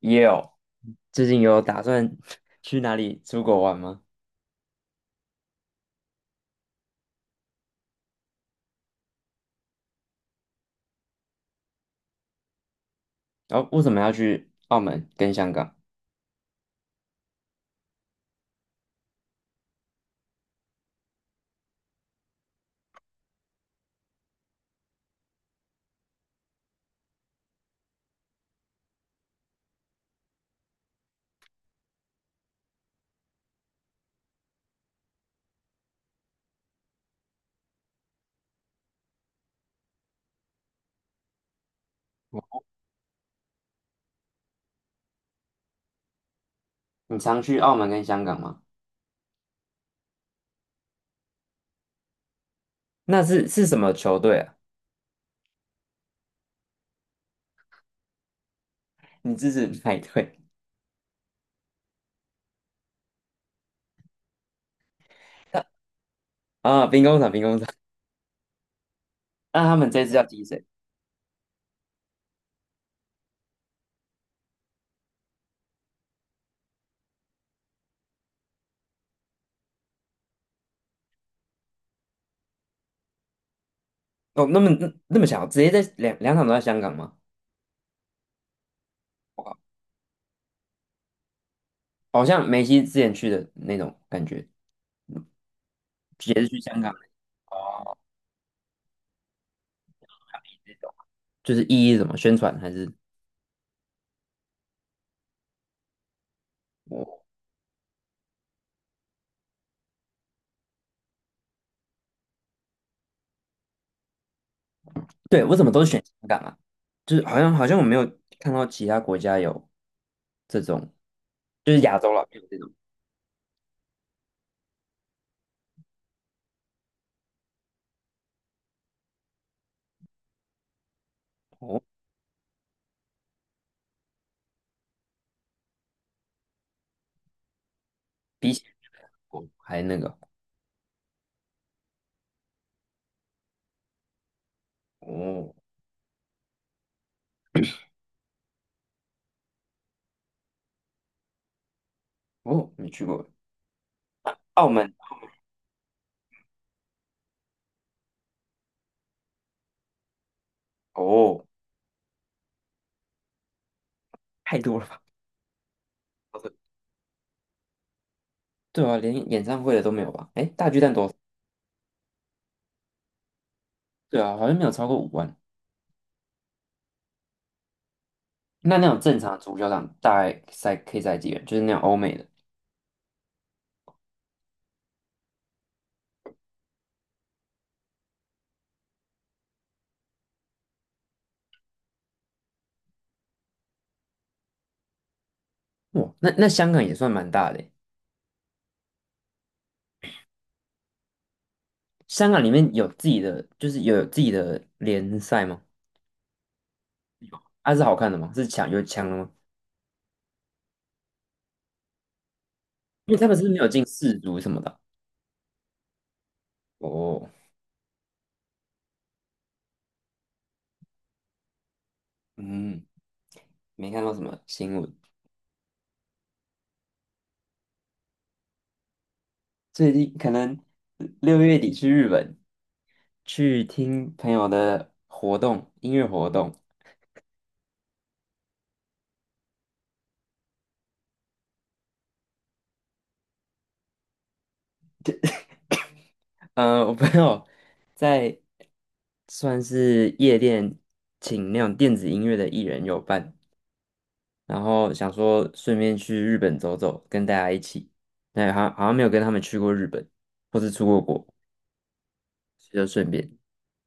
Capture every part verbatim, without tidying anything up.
也有，最近有打算 去哪里出国玩吗？然后为什么要去澳门跟香港？你常去澳门跟香港吗？那是是什么球队啊？你支持哪一队？啊，兵工厂，兵工厂。那他们这次要踢谁？哦，那么那那么巧，直接在两两场都在香港吗？我靠，好像梅西之前去的那种感觉，也是去香港的那种，就是意义是什么，宣传还是我？对，为什么都是选香港啊？就是好像好像我没有看到其他国家有。这种就是亚洲了，没有这种。哦，比起。哦，还那个。哦哦，没去过澳门。哦，太多了吧？好的。对啊，连演唱会的都没有吧？哎，大巨蛋多少？对啊，好像没有超过五万。那那种正常的足球场大概塞可以塞几个人？就是那种欧美的。哇，那那香港也算蛮大的欸。香港里面有自己的，就是有自己的联赛吗？啊，是好看的吗？是强有强的吗？因为他们是不是没有进世足什么的啊。哦，嗯，没看到什么新闻。最近可能六月底去日本，去听朋友的活动，音乐活动。呃，我朋友在算是夜店请那种电子音乐的艺人有伴，然后想说顺便去日本走走，跟大家一起。对，好像好像没有跟他们去过日本，或是出过国，就顺便。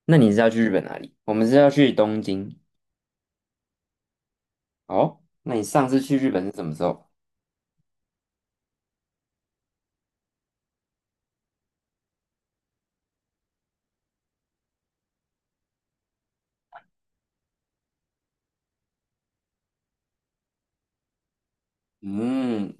那你是要去日本哪里？我们是要去东京。哦，那你上次去日本是什么时候？嗯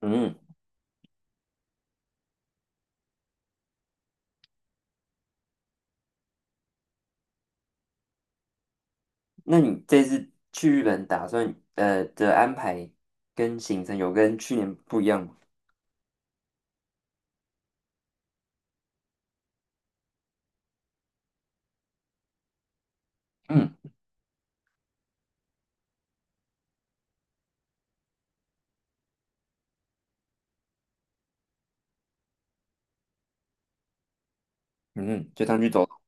嗯，那你这次去日本打算呃的安排跟行程有跟去年不一样吗？嗯嗯，就当去走走。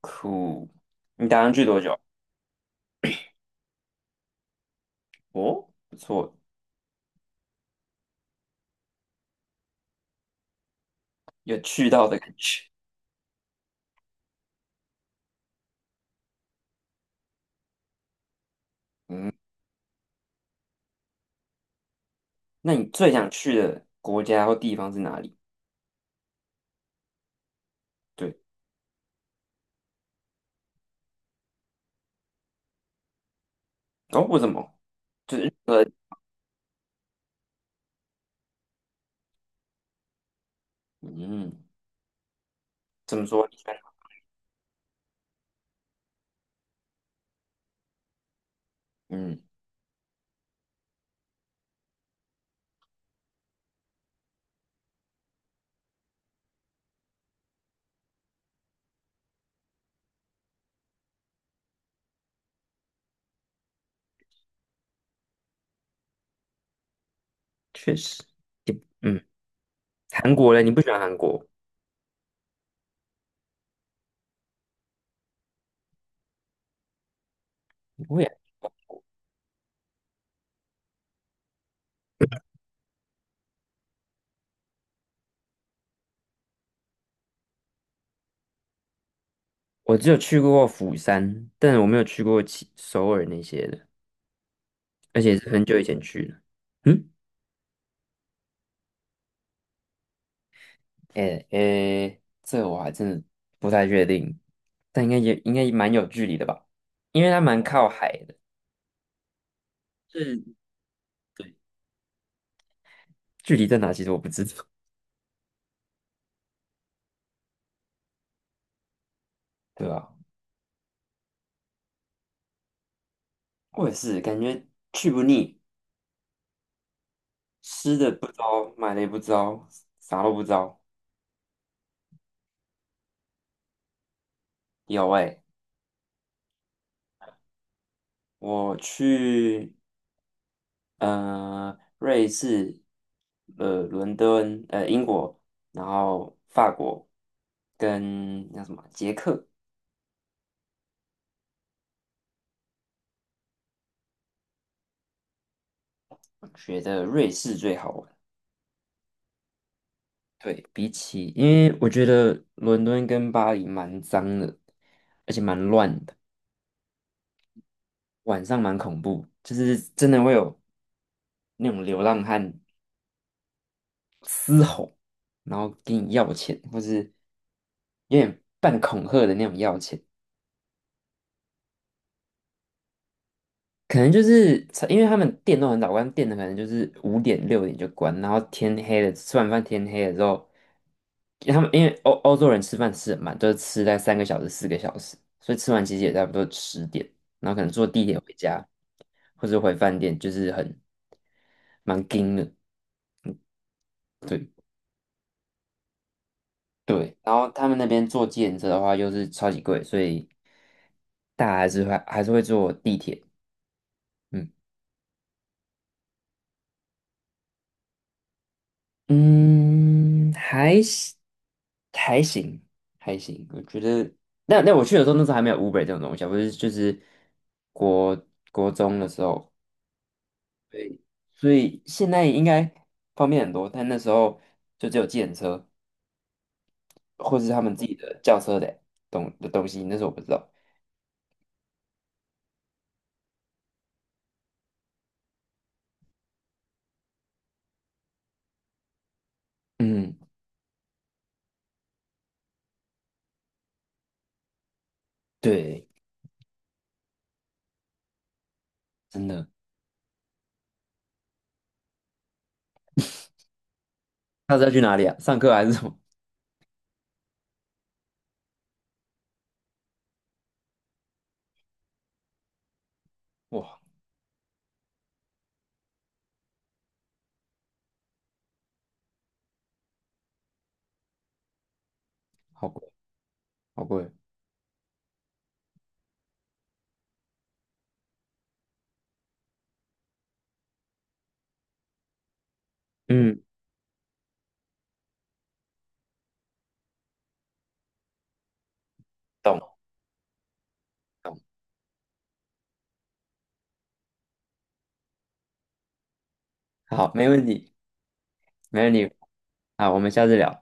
酷。你打算去多久？哦，不错，有去到的感觉。那你最想去的国家或地方是哪里？对。哦，为什么？就是呃，嗯，怎么说？你看。嗯，确实。也。嗯，韩国嘞，你不喜欢韩国？不会啊，我只有去过釜山，但我没有去过其首尔那些的。而且是很久以前去的。嗯，诶诶，这我还真的不太确定，但应该也应该蛮有距离的吧，因为它蛮靠海的，是，对，距离在哪其实我不知道，对吧？我也是感觉去不腻，吃的不糟，买的也不糟，啥都不糟。有诶，我去呃瑞士、呃伦敦、呃英国，然后法国跟那什么捷克。觉得瑞士最好玩。对，比起，因为我觉得伦敦跟巴黎蛮脏的，而且蛮乱的，晚上蛮恐怖，就是真的会有那种流浪汉嘶吼，然后跟你要钱，或是有点半恐吓的那种要钱。可能就是因为他们店都很早关，店的可能就是五点六点就关，然后天黑了，吃完饭天黑了之后，他们因为欧欧洲人吃饭吃很慢，都是吃在三个小时四个小时，所以吃完其实也差不多十点，然后可能坐地铁回家或者回饭店，就是很蛮紧的。嗯，对对，然后他们那边坐计程车的话又是超级贵，所以大家还是会还是会坐地铁。嗯。嗯，还行还行，还行，我觉得那那我去的时候，那时候还没有 Uber 这种东西啊，我是就是国国中的时候，所以现在应该方便很多，但那时候就只有计程车或是他们自己的轿车的东的东西，那时候我不知道。嗯，对，真的。下次要去哪里啊？上课还是什么？哇，好贵，好贵。嗯，懂懂，好，没问题，没问题。好，我们下次聊。